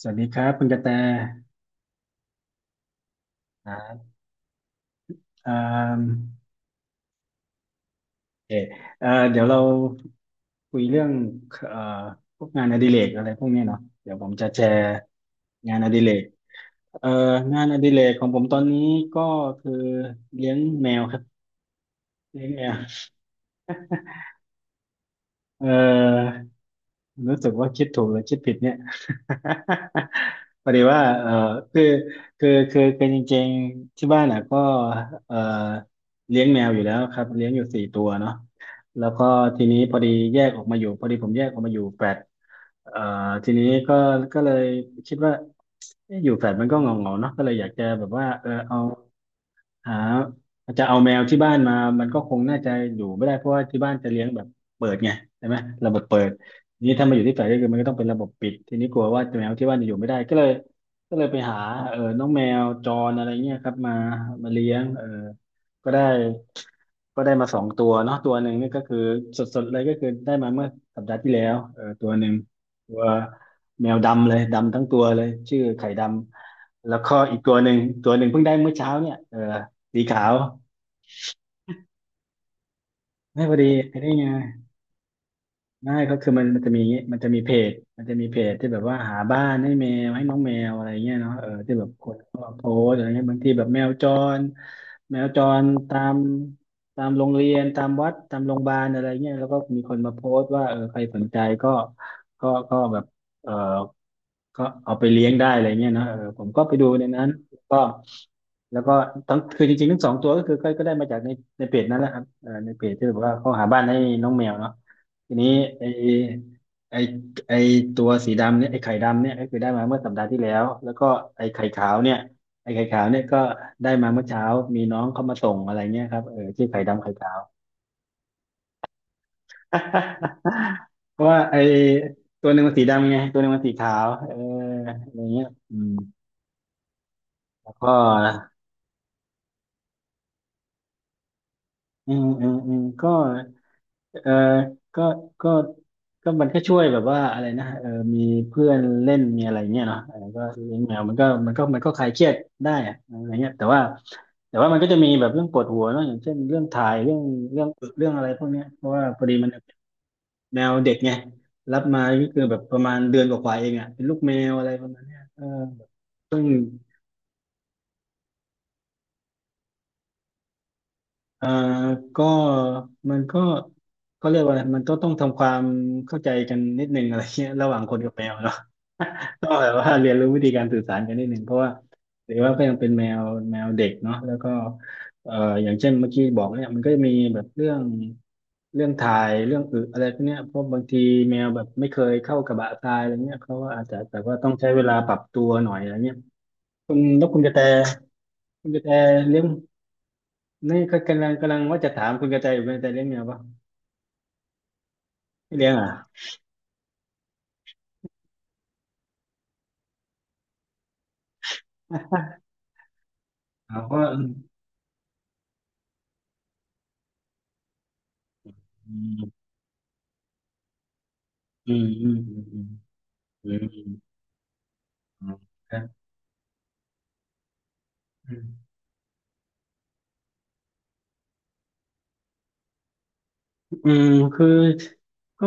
สวัสดีครับคุณกระแตครับเอ่าเออเอ่อเดี๋ยวเราคุยเรื่องเอ่อพวกงานอดิเรกอะไรพวกเนี้ยเนาะเดี๋ยวผมจะแชร์งานอดิเรกเอ่องานอดิเรกของผมตอนนี้ก็คือเลี้ยงแมวครับเลี้ยงแมวเอ่อ รู้สึกว่าคิดถูกหรือคิดผิดเนี่ย พอดีว่าคือคือจริงๆที่บ้านอ่ะก็เออเลี้ยงแมวอยู่แล้วครับ เลี้ยงอยู่สี่ตัวเนาะแล้วก็ทีนี้พอดีแยกออกมาอยู่พอดีผมแยกออกมาอยู่แฟลตเอ่อทีนี้ก็ก็เลยคิดว่าเอ๊ะอยู่แฟลตมันก็เหงาๆเนาะก็เลยอยากจะแบบว่าเออเอา หาจะเอาแมวที่บ้านมามันก็คงน่าจะอยู่ไม่ได้เพราะว่าที่บ้านจะเลี้ยงแบบเปิดไงใช่ไหมระบบเปิดทีนี้ถ้ามาอยู่ที่แฟลตก็คือมันก็ต้องเป็นระบบปิดทีนี้กลัวว่าแมวที่บ้านจะอยู่ไม่ได้ก็เลยไปหาเออน้องแมวจรอะไรเงี้ยครับมามาเลี้ยงเออก็ได้ก็ได้มาสองตัวเนาะตัวหนึ่งนี่ก็คือสดๆเลยก็คือได้มาเมื่อสัปดาห์ที่แล้วเออตัวหนึ่งตัวแมวดำเลยดำทั้งตัวเลยชื่อไข่ดำแล้วก็อีกตัวหนึ่งตัวหนึ่งเพิ่งได้เมื่อเช้าเนี่ยเออสีขาว ไม่พอดีไอ้นี่ไงไม่ก็คือมันจะมีมันจะมีเพจที่แบบว่าหาบ้านให้แมวให้น้องแมวอะไรเงี้ยเนาะเออที่แบบคนก็มาโพสต์อะไรเงี้ยบางทีแบบแมวจรตามโรงเรียนตามวัดตามโรงพยาบาลอะไรเงี้ยแล้วก็มีคนมาโพสต์ว่าเออใครสนใจก็แบบเออ ก็เอาไปเลี้ยงได้อะไรเงี้ยนะเออผมก็ไปดูในนั้นก็แล้วก็ทั้งคือจริงๆทั้งสองตัวก็คือได้มาจากในเพจนั่นแหละครับเออในเพจที่แบอกว่าเขาหาบ้านให้น้องแมวเนาะทีนี้ไอไอไอตัวสีดำเนี่ยไอไข่ดำเนี่ยก็คือได้มาเมื่อสัปดาห์ที่แล้วแล้วก็ไอไข่ขาวเนี่ยไอไข่ขาวเนี่ยก็ได้มาเมื่อเช้ามีน้องเข้ามาส่งอะไรเงี้ยครับเออชื่อไข่ดำไข่ขาว เพราะว่าไอตัวหนึ่งมันสีดำไงตัวหนึ่งมันสีขาวเอออะไรเงี้ยอืม แล้วก็นะก็เออก็ก็ก็มันก็ช่วยแบบว่าอะไรนะเออมีเพื่อนเล่นมีอะไรเงี้ยเนาะเออก็เลี้ยงแมวมันก็คลายเครียดได้อะอะไรเงี้ยแต่ว่ามันก็จะมีแบบเรื่องปวดหัวเนาะอย่างเช่นเรื่องถ่ายเรื่องเรื่องอะไรพวกเนี้ยเพราะว่าพอดีมันเป็นแมวเด็กไงรับมาก็คือแบบประมาณเดือนกว่าๆเองอ่ะเป็นลูกแมวอะไรประมาณเนี้ยเออเพิ่ง อ่าก็มันก็เรียกว่าอะไรมันก็ต้องทำความเข้าใจกันนิดนึงอะไรเงี้ยระหว่างคนกับแมวเนาะ ต้องแบบว่าเรียนรู้วิธีการสื่อสารกันนิดนึงเพราะว่าหรือว่าก็ยังเป็นแมวเด็กเนาะแล้วก็เอ่ออย่างเช่นเมื่อกี้บอกเนี่ยมันก็จะมีแบบเรื่องถ่ายเรื่องอึอะไรพวกเนี้ยเพราะบางทีแมวแบบไม่เคยเข้ากระบะทรายอะไรเงี้ยเขาก็อาจจะแบบว่าต้องใช้เวลาปรับตัวหน่อยอะไรเงี้ยคุณแล้วคุณกระแตคุณกระแตเลี้ยง นี่ก็กำลังว่าจะถามคุณกระแตอยู่คุณแตเลี้ยงแมวปะไม่เลี้ยงอ่ะ เราก็อืมอืมอืมอืมอืมอืมครับือืมคือก็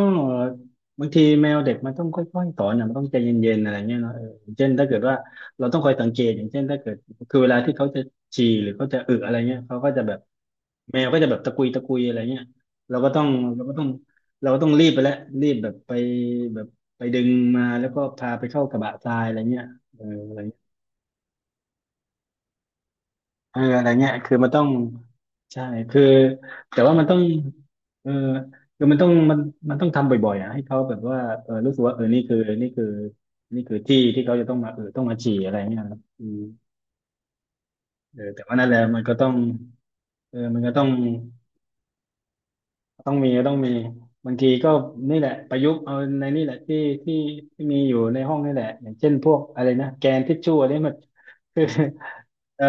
บางทีแมวเด็กมันต้องค่อยๆสอนนะมันต้องใจเย็นๆอะไรเงี้ยเนาะเอออย่างเช่นถ้าเกิดว่าเราต้องคอยสังเกตอย่างเช่นถ้าเกิดคือเวลาที่เขาจะฉี่หรือเขาจะอึอะไรเงี้ยเขาก็จะแบบ แมวก็จะแบบตะกุยตะกุยอะไรเงี้ยเราก็ต้องเราก็ต้องเราก็ต้องรีบไปแล้วรีบแบบไปแบบไปดึงมาแล้วก็พาไปเข้ากระบะทรายอะไรเงี้ยเอออะไรเงี้ยคือมันต้องใช่คือแต่ว่ามันต้องเออคือมันต้องมันต้องทำบ่อยๆอ่ะให้เขาแบบว่าเออรู้สึกว่าเออนี่คือนี่คือที่ที่เขาจะต้องมาเออต้องมาฉี่อะไรเงี้ยครับอืมเออแต่ว่านั่นแหละมันก็ต้องเออมันก็ต้อง ต้องมีต้องมีบางทีก็นี่แหละประยุกต์เอาในนี่แหละที่ที่มีอยู่ในห้องนี่แหละอย่างเช่นพวกอะไรนะแกนทิชชู่อันนี้มัน คือเออ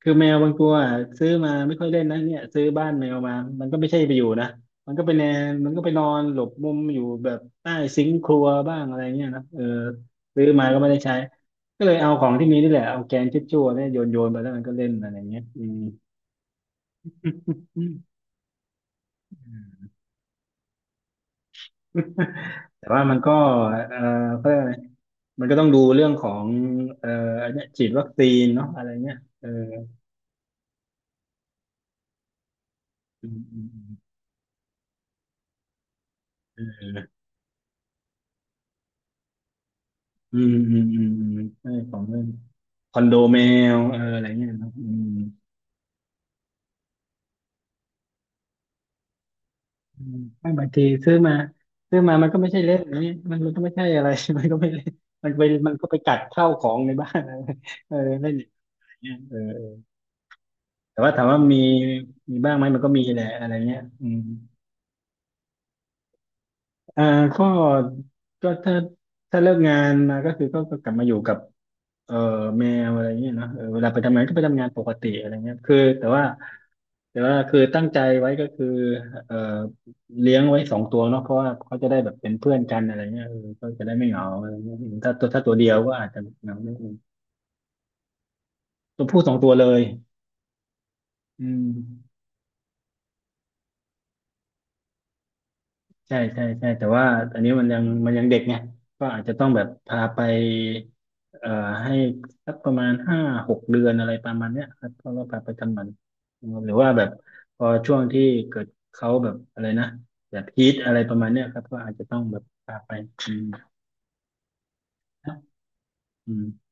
คือแมวบางตัวอะซื้อมาไม่ค่อยเล่นนะเนี่ยซื้อบ้านแมวมามันก็ไม่ใช่ไปอยู่นะมันก็ไปแนนมันก็ไปนอนหลบมุมอยู่แบบใต้ซิงค์ครัวบ้างอะไรเงี้ยนะเออซื้อมาก็ไม่ได้ใช้ก็เลยเอาของที่มีนี่แหละเอาแกนทิชชู่เนี่ยโยนไปแล้วมันก็เล่นอะไรเงี้ยอืมอืม แต่ว่ามันก็เอ่อเขาเรียกอะไรมันก็ต้องดูเรื่องของเอ่ออันเนี้ยฉีดวัคซีนเนาะอะไรเนี้ยเอออืมอืมอืมเอออืมอืมอืมอืมใช่ของเรื่องคอนโดแมวเอออะไรเงี้ยเนาะอืมอืมไม่บางทีซื้อมามันก็ไม่ใช่เล่นนี่มันก็ไม่ใช่อะไร มันก็ไม่เล่นมันไปมันก็ไปกัดเข้าวของในบ้าน อะไรเออเล่นอย่างเงี้ยเออแต่ว่าถามว่ามีมีบ้างไหมมันก็มีแหละอะไรเงี้ยอืม อ่าก็ก็ถ้าถ้าเลิกงานมาก็คือก็กลับมาอยู่กับเอ่อแมวอะไรเงี้ยเนาะเออเวลาไปทำงานก็ไปทำงานปกติอะไรเงี้ยคือแต่ว่าแต่ว่าคือตั้งใจไว้ก็คือเอ่อเลี้ยงไว้สองตัวเนาะเพราะว่าเขาจะได้แบบเป็นเพื่อนกันอะไรเงี้ยเออก็จะได้ไม่เหงาอะไรเงี้ยถ้าตัวเดียวก็อาจจะเหงาไม่ตัวผู้สองตัวเลยอืม ใช่ใช่ใช่แต่ว่าอันนี้มันยังเด็กไงก็อาจจะต้องแบบพาไปเอ่อให้สักประมาณห้าหกเดือนอะไรประมาณเนี้ยครับก็พาไปทำหมันนะครับหรือว่าแบบพอช่วงที่เกิดเขาแบบอะไรนะแบบฮีทอะไรประมาณเนี้ยครับก็อาจจะต้องแบบพาไปอืมอืม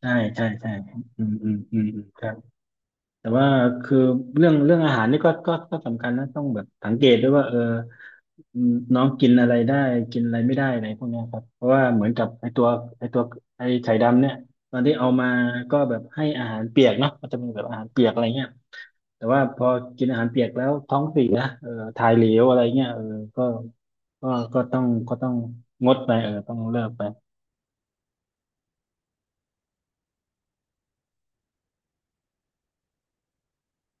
ใช่ใช่ใช่อืมอืมอืมอืมครับแต่ว่าคือเรื่องอาหารนี่ก็สำคัญนะต้องแบบสังเกตด้วยว่าเออ อืมน้องกินอะไรได้กินอะไรไม่ได้อะไรพวกเนี้ยครับเพราะว่าเหมือนกับไอตัวไอไข่ดำเนี่ยตอนที่เอามาก็แบบให้อาหารเปียกเนาะมันจะมีแบบอาหารเปียกอะไรเงี้ยแต่ว่าพอกินอาหารเปียกแล้วท้องเสียเออถ่ายเหลวอะไรเงี้ยเออก็ก็ก็ต้องงดไปเออต้องเลิกไป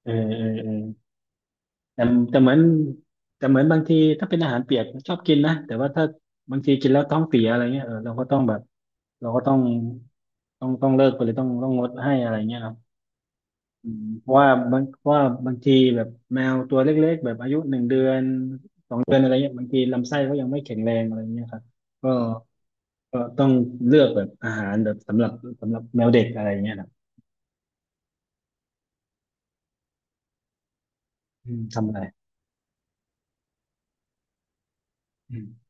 เออเออเออแต่แต่เหมือนแต่เหมือนบางทีถ้าเป็นอาหารเปียกชอบกินนะแต่ว่าถ้าบางทีกินแล้วท้องเสียอะไรเงี้ยเออเราก็ต้องแบบเราก็ต้องต้องเลิกไปเลยต้องงดให้อะไรเงี้ยเนาะ อืมเพราะว่าบางเพราะว่าบางทีแบบแมวตัวเล็กๆแบบอายุหนึ่งเดือนสองเดือนอะไรเงี้ยบางทีลำไส้เขายังไม่แข็งแรงอะไรเงี้ยครับก็ก็ต้องเลือกแบบอาหารแบบสำหรับแมวเด็กอะไรเงี้ยนะอืมทำอะไรอืม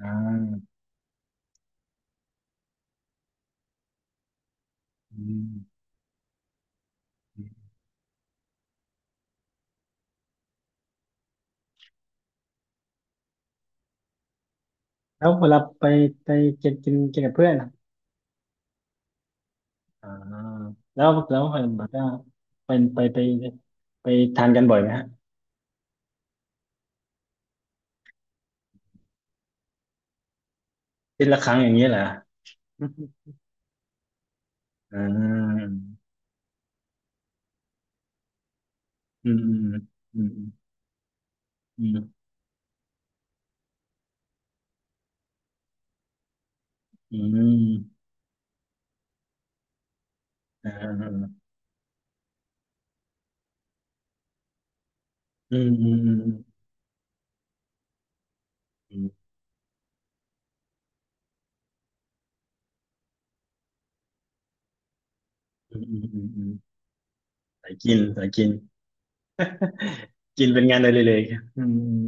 อ่าอืมอืมแล้วเวลาไปไปกินกินกินกับเพื่อนอะอ่าแล้วแล้วเห็นบอกว่าไปไปไปไปทานกันบ่อยไหมฮะอาทีละครั้งอย่างเงี้ยเหรออ่าอืมอืมอืมอืมอืม อืมอ่าอืมอืมอืมอืมอืมอืมอืมสายกินสายกินกินเป็นงานอดิเรกอืม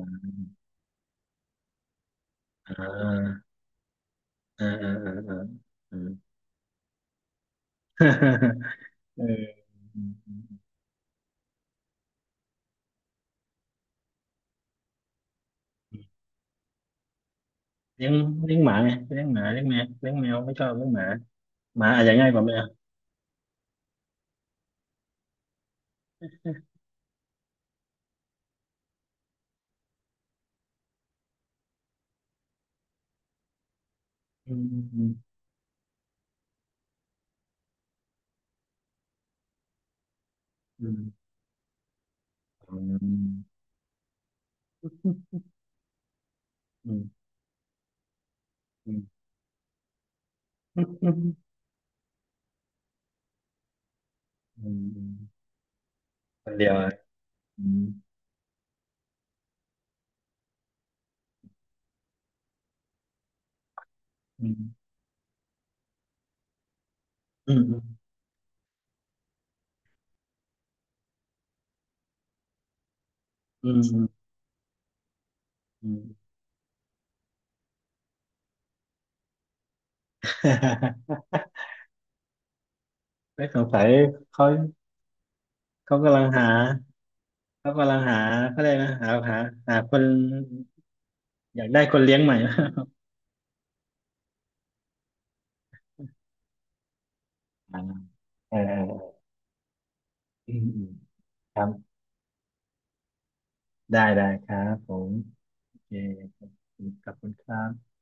อืมอ่าอ่าอ่าอ่าอ่าอืมเออเลี้ยงเลี้ยงหมาไงเลี้ยงหมาเลี้ยงแมวเลี้ยงแมวไม่ชอบเลี้ยงหมาหมาอาจจะง่ายกว่าแมวอืมอืมอืมอืมอืมอืมอืมอืมอืมคนเดียวอ่ะอืมอืมอืมอืมอืม ไม่สงสัยเขาเขากำลังหาเขากำลังหาเขาเลยกนะหาคนอยากได้คนเลี้ยงใหม่ อ่าเออเอออืมอืมครับได้ได้ครับผมโอเคขอบคุณขอบคุณครับ